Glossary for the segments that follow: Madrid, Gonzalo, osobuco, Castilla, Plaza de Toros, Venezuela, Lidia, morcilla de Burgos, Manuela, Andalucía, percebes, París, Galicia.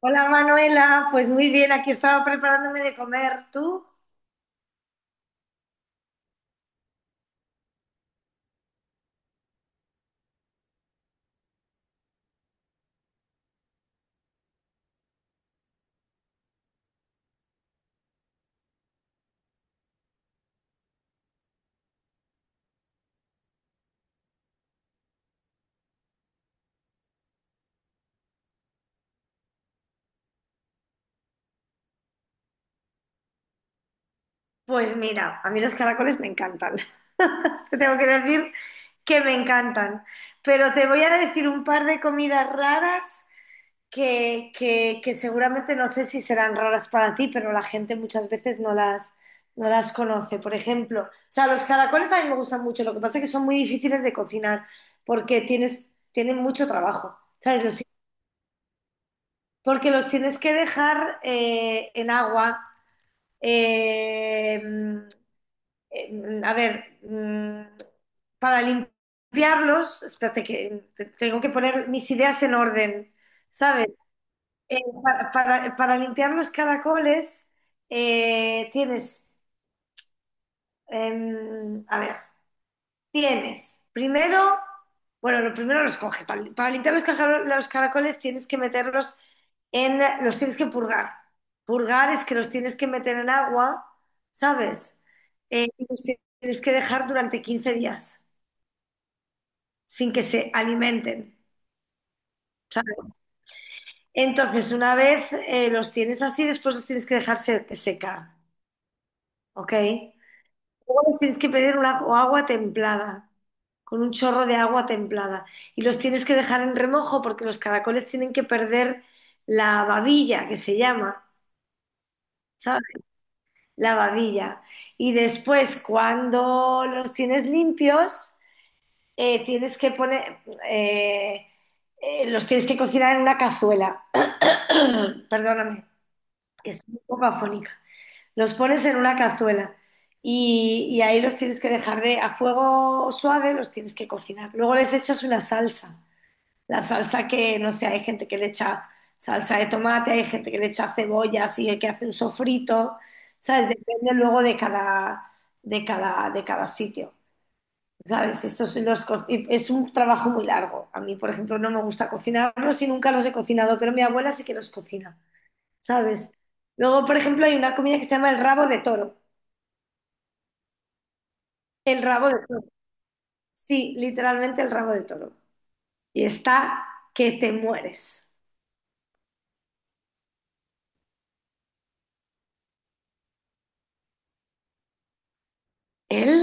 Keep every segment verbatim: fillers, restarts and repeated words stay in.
Hola Manuela, pues muy bien, aquí estaba preparándome de comer. ¿Tú? Pues mira, a mí los caracoles me encantan. Te tengo que decir que me encantan. Pero te voy a decir un par de comidas raras que, que- que seguramente no sé si serán raras para ti, pero la gente muchas veces no las, no las conoce. Por ejemplo, o sea, los caracoles a mí me gustan mucho, lo que pasa es que son muy difíciles de cocinar porque tienes, tienen mucho trabajo. ¿Sabes? Los porque los tienes que dejar eh, en agua. eh, mm, eh, a ver, mm, para limpiarlos, espérate que te- tengo que poner mis ideas en orden, ¿sabes? Eh, para, para- para limpiar los caracoles eh, tienes, em, a ver. Tienes, primero, bueno, lo primero los coges. Para, para limpiar los, cajar- los caracoles tienes que meterlos en, los tienes que purgar. Purgar es que los tienes que meter en agua, ¿sabes? Eh, y los tienes que dejar durante quince días sin que se alimenten, ¿sabes? Entonces, una vez eh, los tienes así, después los tienes que dejar se- secar, ¿ok? Luego les tienes que pedir una o agua templada, con un chorro de agua templada. Y los tienes que dejar en remojo porque los caracoles tienen que perder la babilla, que se llama, ¿sabes? La babilla. Y después, cuando los tienes limpios, eh, tienes que poner, eh, eh, los tienes que cocinar en una cazuela. Perdóname, que estoy un poco afónica. Los pones en una cazuela y, y ahí los tienes que dejar de, a fuego suave, los tienes que cocinar. Luego les echas una salsa, la salsa que, no sé, hay gente que le echa salsa de tomate, hay gente que le echa cebolla, así que hace un sofrito, ¿sabes? Depende luego de cada, de cada, de cada sitio. ¿Sabes? Estos los co- es un trabajo muy largo. A mí, por ejemplo, no me gusta cocinarlos y nunca los he cocinado, pero mi abuela sí que los cocina, ¿sabes? Luego, por ejemplo, hay una comida que se llama el rabo de toro. El rabo de toro. Sí, literalmente el rabo de toro. Y está que te mueres. ¿El?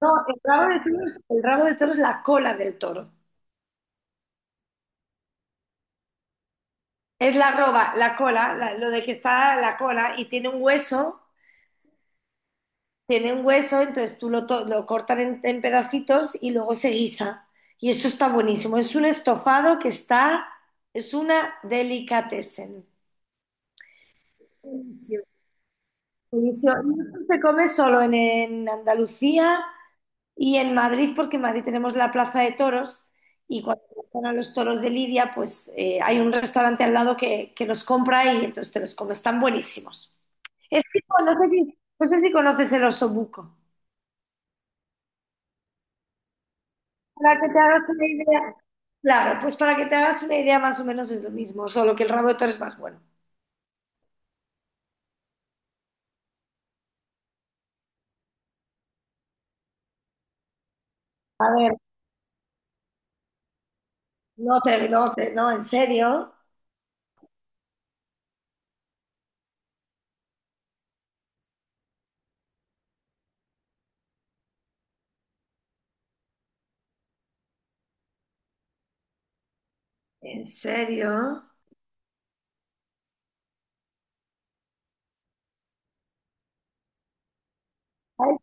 No, el rabo de toro es, el rabo de toro es la cola del toro. Es la roba, la cola, la- lo de que está la cola y tiene un hueso, tiene un hueso, entonces tú lo, to- lo cortan en, en pedacitos y luego se guisa. Y eso está buenísimo. Es un estofado que está, es una delicatessen. Buenísimo. Buenísimo. Y esto se come solo en, en Andalucía y en Madrid, porque en Madrid tenemos la Plaza de Toros y cuando van a los toros de Lidia, pues eh, hay un restaurante al lado que, que los compra y entonces te los comes. Están buenísimos. Es que no no sé si, no sé si conoces el osobuco. Para que te hagas una idea. Claro, pues para que te hagas una idea más o menos es lo mismo, solo que el rabo de toro es más bueno. A ver, no te, no te, no, en serio, en serio. Ay,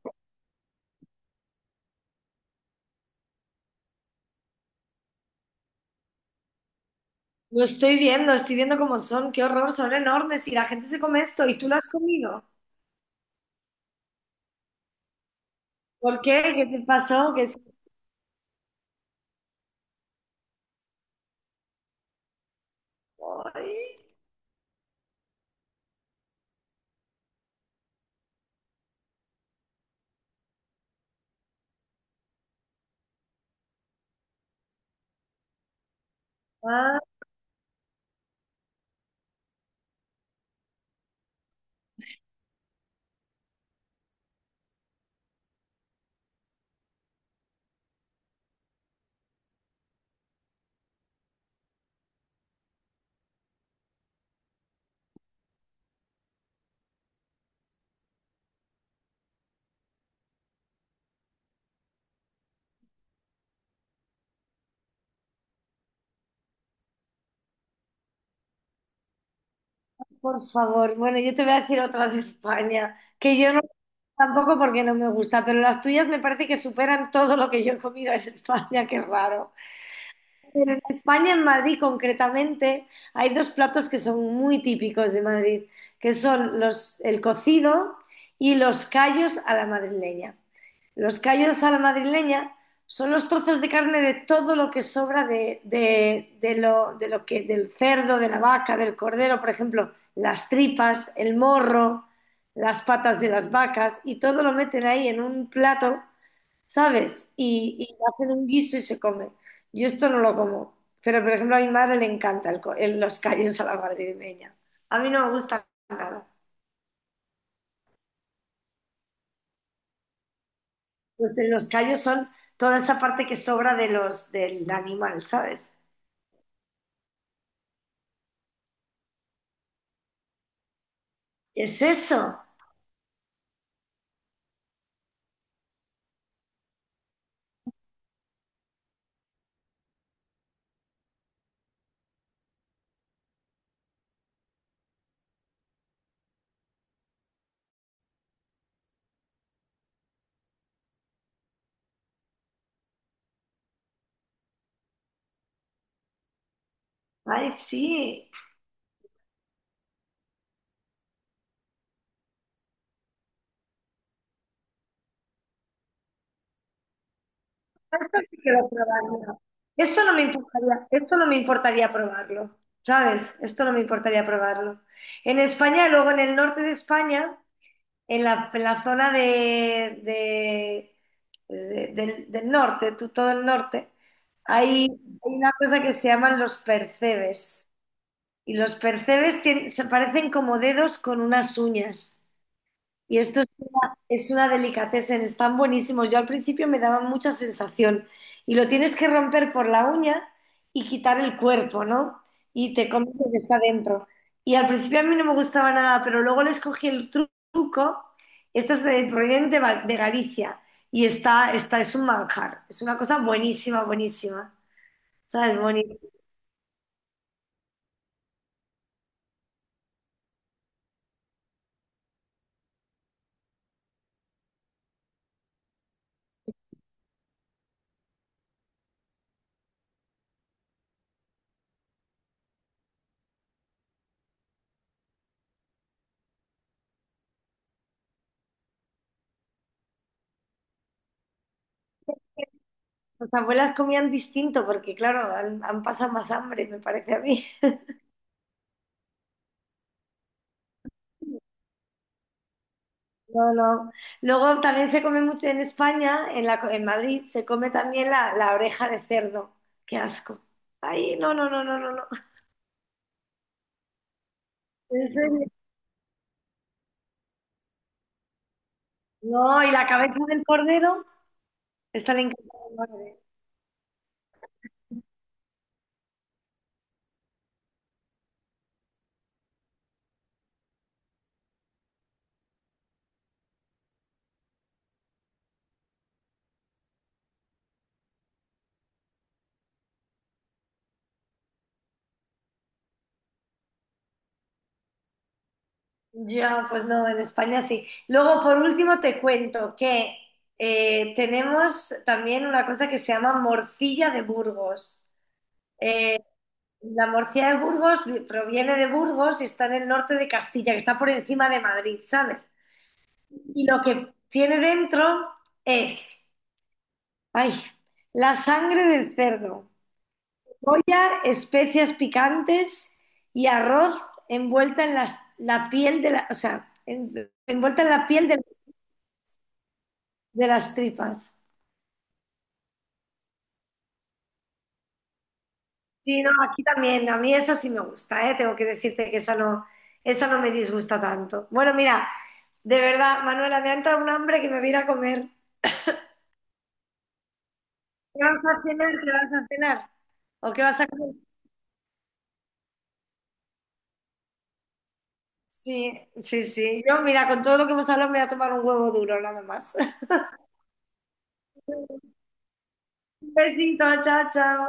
lo estoy viendo, estoy viendo cómo son, qué horror, son enormes y la gente se come esto y tú lo has comido. ¿Por qué? ¿Qué te pasó? ¿Qué se- Ay, ah, por favor. Bueno, yo te voy a decir otra de España, que yo no tampoco porque no me gusta, pero las tuyas me parece que superan todo lo que yo he comido en España, qué raro. Pero en España, en Madrid concretamente, hay dos platos que son muy típicos de Madrid, que son los, el cocido y los callos a la madrileña. Los callos a la madrileña son los trozos de carne de todo lo que sobra de, de- de lo, de lo que, del cerdo, de la vaca, del cordero, por ejemplo, las tripas, el morro, las patas de las vacas, y todo lo meten ahí en un plato, ¿sabes? Y, y hacen un guiso y se come. Yo esto no lo como, pero por ejemplo a mi madre le encanta el co- el- los callos a la madrileña. A mí no me gusta nada. Pues en los callos son toda esa parte que sobra de los, del animal, ¿sabes? Es eso. Ay, sí. Quiero probarlo. Esto no me importaría, esto no me importaría probarlo, ¿sabes? Esto no me importaría probarlo. En España, luego en el norte de España, en la, en la zona de, de- pues, de- del, del norte, tú- todo el norte, hay, hay una cosa que se llaman los percebes. Y los percebes tien- se parecen como dedos con unas uñas. Y esto es es una delicatessen, están buenísimos. Yo al principio me daban mucha sensación. Y lo tienes que romper por la uña y quitar el cuerpo, ¿no? Y te comes lo que está dentro. Y al principio a mí no me gustaba nada, pero luego les cogí el tru- truco. Esta es de, provienen de, Val- de Galicia. Y está, está, es un manjar. Es una cosa buenísima, buenísima. ¿Sabes? Buenísima. Las abuelas comían distinto porque, claro, han, han pasado más hambre, me parece a mí. No, no. Luego también se come mucho en España, en, la, co- en Madrid, se come también la, la oreja de cerdo. Qué asco. Ay, no, no, no, no, no, no. En serio. No, y la cabeza del cordero, esa le encanta a mi madre. Ya, pues no, en España sí. Luego, por último, te cuento que eh, tenemos también una cosa que se llama morcilla de Burgos. Eh, La morcilla de Burgos proviene de Burgos y está en el norte de Castilla, que está por encima de Madrid, ¿sabes? Y lo que tiene dentro es, ay, la sangre del cerdo, cebolla, especias picantes y arroz envuelta en las- la piel de la, o sea, en- envuelta en la piel de, de las tripas. Sí, no, aquí también. A mí esa sí me gusta, ¿eh? Tengo que decirte que esa no, esa no me disgusta tanto. Bueno, mira, de verdad, Manuela, me ha entrado un hambre que me voy a ir a comer. ¿Qué vas a cenar? ¿Qué vas a cenar? ¿O qué vas a comer? Sí, sí, sí. Yo, mira, con todo lo que hemos hablado me voy a tomar un huevo duro, nada más. Un besito, chao, chao.